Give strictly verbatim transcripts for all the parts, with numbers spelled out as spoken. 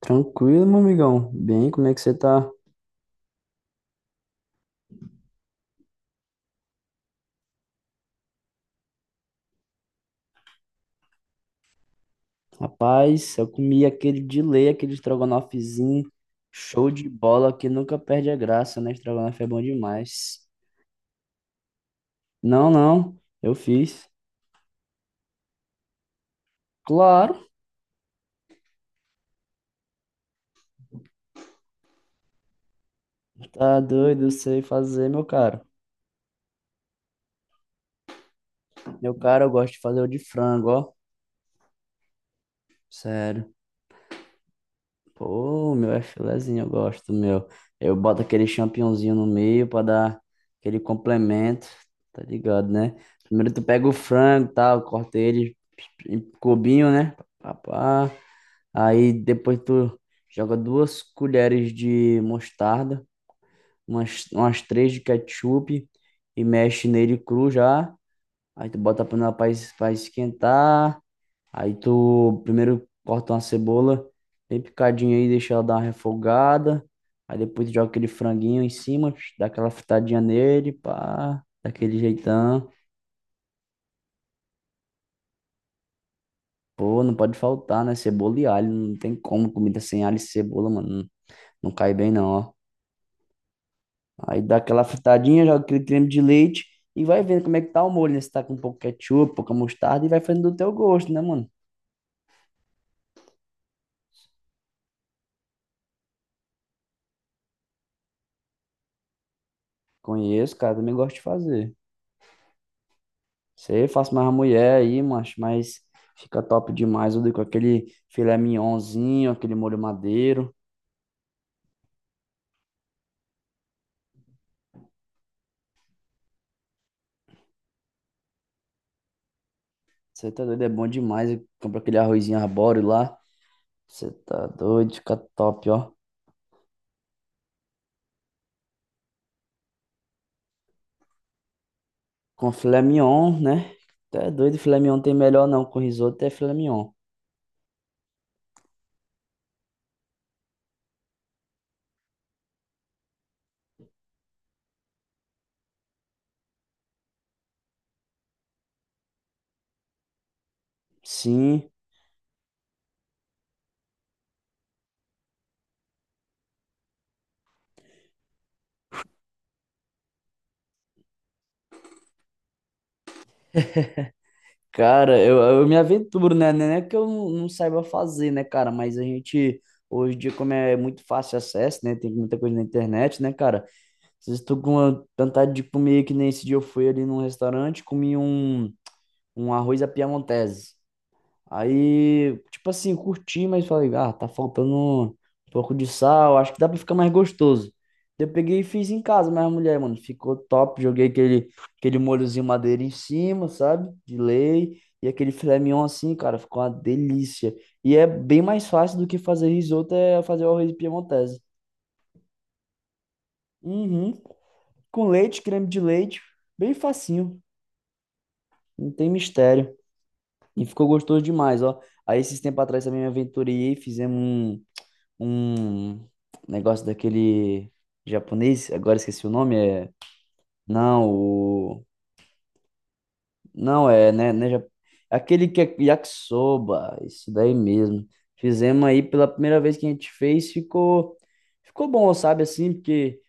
Tranquilo, meu amigão. Bem, como é que você tá? Rapaz, eu comi aquele de lei, aquele estrogonofezinho. Show de bola que nunca perde a graça, né? Estrogonofe é bom demais. Não, não, eu fiz. Claro, tá doido, eu sei fazer, meu cara. Meu cara, eu gosto de fazer o de frango, ó. Sério. Pô, meu é filezinho, eu gosto, meu. Eu boto aquele champignonzinho no meio pra dar aquele complemento, tá ligado, né? Primeiro tu pega o frango e tal, corta ele cubinho, né? Papá. Aí depois tu joga duas colheres de mostarda, umas, umas três de ketchup e mexe nele cru já. Aí tu bota a panela para esquentar. Aí tu primeiro corta uma cebola bem picadinha aí, deixa ela dar uma refogada. Aí depois tu joga aquele franguinho em cima, dá aquela fritadinha nele, pá, daquele jeitão. Pô, não pode faltar, né? Cebola e alho, não tem como comida sem alho e cebola, mano. Não cai bem, não, ó. Aí dá aquela fritadinha, joga aquele creme de leite e vai vendo como é que tá o molho, né? Se tá com um pouco de ketchup, pouca mostarda e vai fazendo do teu gosto, né, mano? Conheço, cara, também gosto de fazer. Sei, faço mais a mulher aí, macho, mas fica top demais. Eu dou com aquele filé mignonzinho, aquele molho madeiro. Você tá doido, é bom demais. Compra aquele arrozinho arbóreo lá. Você tá doido, fica top, ó. Com filé mignon, né? Tu é doido, filé mignon não tem melhor não. Com risoto é filé mignon. Sim. Cara, eu, eu me aventuro, né? Não é que eu não, não saiba fazer, né, cara? Mas a gente, hoje em dia, como é muito fácil acesso, né? Tem muita coisa na internet, né, cara? Às vezes tô com uma vontade de comer, que nem esse dia eu fui ali num restaurante, comi um, um arroz à piamontese. Aí, tipo assim, curti, mas falei, ah, tá faltando um pouco de sal, acho que dá pra ficar mais gostoso. Eu peguei e fiz em casa, mas a mulher, mano, ficou top. Joguei aquele, aquele molhozinho madeira em cima, sabe? De lei. E aquele filé mignon assim, cara, ficou uma delícia. E é bem mais fácil do que fazer risoto, é fazer o arroz piemontese. Uhum. Com leite, creme de leite, bem facinho, não tem mistério. E ficou gostoso demais, ó. Aí esses tempos atrás também me aventurei, fizemos um. um negócio daquele japonês, agora esqueci o nome, é. Não, o. Não, é, né? né ja- Aquele que é yakisoba, isso daí mesmo. Fizemos aí pela primeira vez que a gente fez, ficou. Ficou bom, sabe? Assim, porque,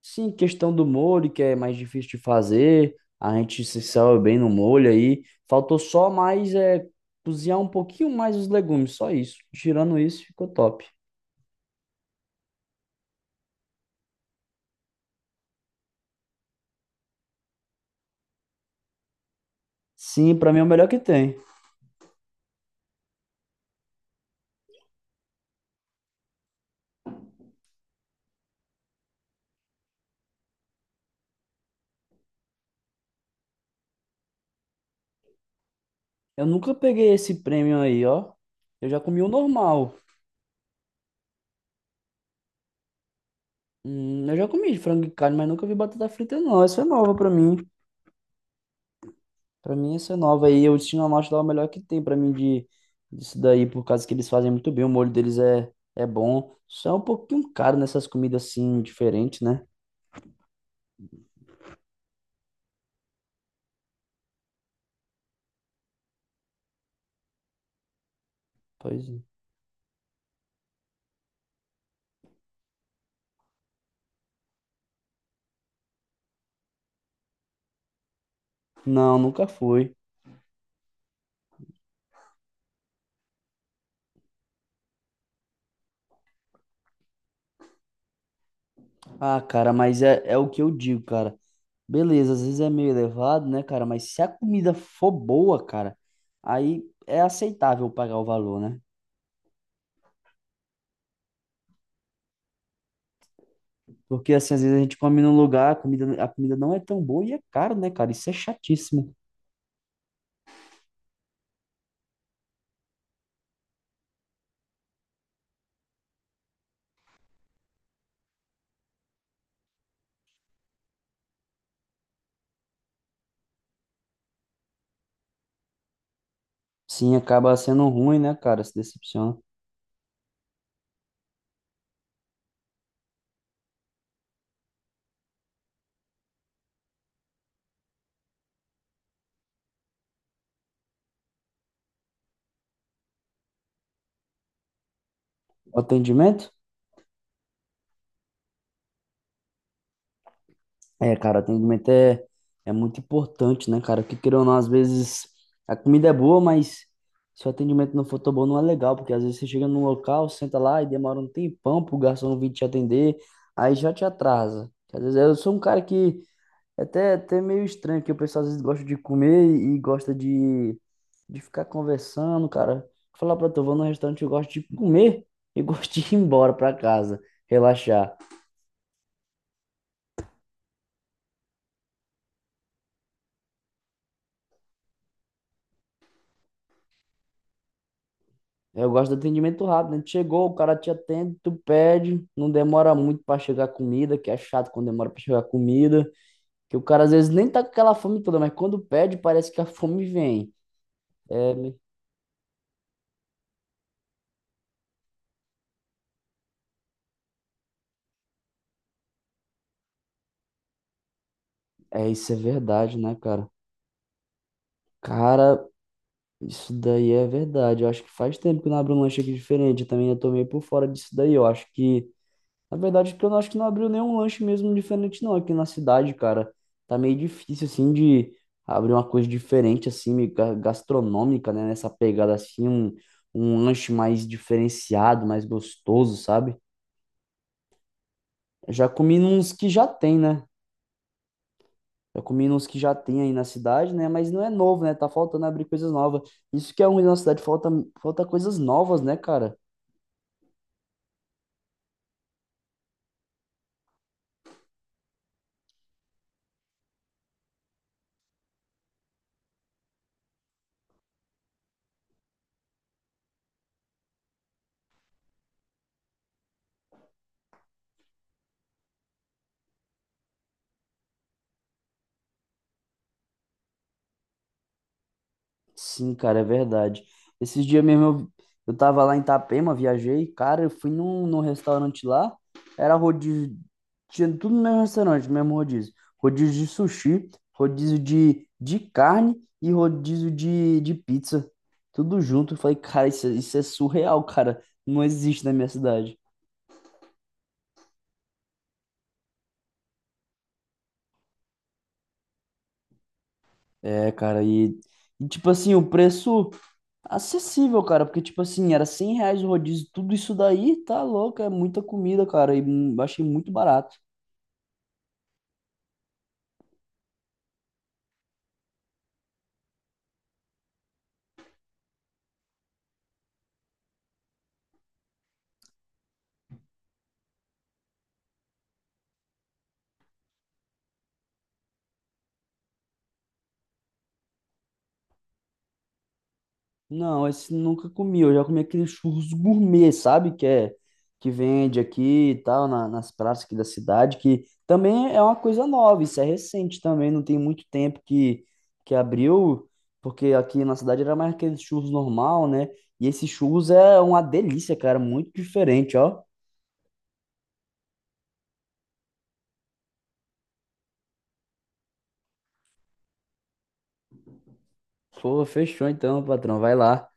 sim, questão do molho, que é mais difícil de fazer, a gente se saiu bem no molho aí. Faltou só mais, é, cozinhar um pouquinho mais os legumes, só isso. Tirando isso, ficou top. Sim, pra mim é o melhor que tem. Eu nunca peguei esse prêmio aí, ó. Eu já comi o normal. Hum, eu já comi de frango e carne, mas nunca vi batata frita, não. Essa é nova pra mim. Pra mim, essa é nova. E o Destino à Morte lá é o melhor que tem pra mim de, disso daí, por causa que eles fazem muito bem. O molho deles é, é bom. Só é um pouquinho caro nessas comidas assim, diferentes, né? Pois é. Não, nunca foi. Ah, cara, mas é, é o que eu digo, cara. Beleza, às vezes é meio elevado, né, cara? Mas se a comida for boa, cara, aí é aceitável pagar o valor, né? Porque, assim, às vezes a gente come num lugar, a comida, a comida não é tão boa e é caro, né, cara? Isso é chatíssimo. Sim, acaba sendo ruim, né, cara? Se decepciona. O atendimento? É, cara, o atendimento é, é muito importante, né, cara? Porque, querendo ou não, às vezes a comida é boa, mas se o atendimento não for tão bom, não é legal. Porque às vezes você chega num local, senta lá e demora um tempão pro garçom vir te atender, aí já te atrasa. Às vezes eu sou um cara que é até, até meio estranho, que o pessoal às vezes gosta de comer e gosta de, de ficar conversando, cara. Falar pra tu, eu vou num restaurante, eu gosto de comer e gosto de ir embora pra casa, relaxar. Eu gosto do atendimento rápido, né? Chegou, o cara te atende, tu pede, não demora muito pra chegar a comida, que é chato quando demora pra chegar a comida, que o cara às vezes nem tá com aquela fome toda, mas quando pede, parece que a fome vem. É, me- é, isso é verdade, né, cara? Cara, isso daí é verdade. Eu acho que faz tempo que não abre um lanche aqui diferente. Eu também eu tô meio por fora disso daí. Eu acho que, na verdade, que eu não acho que não abriu nenhum lanche mesmo diferente, não. Aqui na cidade, cara, tá meio difícil, assim, de abrir uma coisa diferente, assim, meio ga- gastronômica, né? Nessa pegada, assim, um, um lanche mais diferenciado, mais gostoso, sabe? Eu já comi nos que já tem, né? Já comi nos que já tem aí na cidade, né? Mas não é novo, né? Tá faltando abrir coisas novas. Isso que é ruim na cidade, falta, falta coisas novas, né, cara? Sim, cara, é verdade. Esses dias mesmo eu, eu tava lá em Itapema, viajei, cara, eu fui num, num restaurante lá, era rodízio, tinha tudo no mesmo restaurante, no mesmo rodízio. Rodízio de sushi, rodízio de, de carne e rodízio de, de pizza. Tudo junto. Eu falei, cara, isso, é- isso é surreal, cara. Não existe na minha cidade. É, cara, e, e tipo assim, o preço. Acessível, cara, porque, tipo assim, era cem reais o rodízio, tudo isso daí, tá louco, é muita comida, cara, e hum, achei muito barato. Não, esse nunca comi, eu já comi aqueles churros gourmet, sabe, que é, que vende aqui e tal, na- nas praças aqui da cidade, que também é uma coisa nova, isso é recente também, não tem muito tempo que, que abriu, porque aqui na cidade era mais aqueles churros normal, né, e esses churros é uma delícia, cara, muito diferente, ó. Pô, fechou então, patrão, vai lá.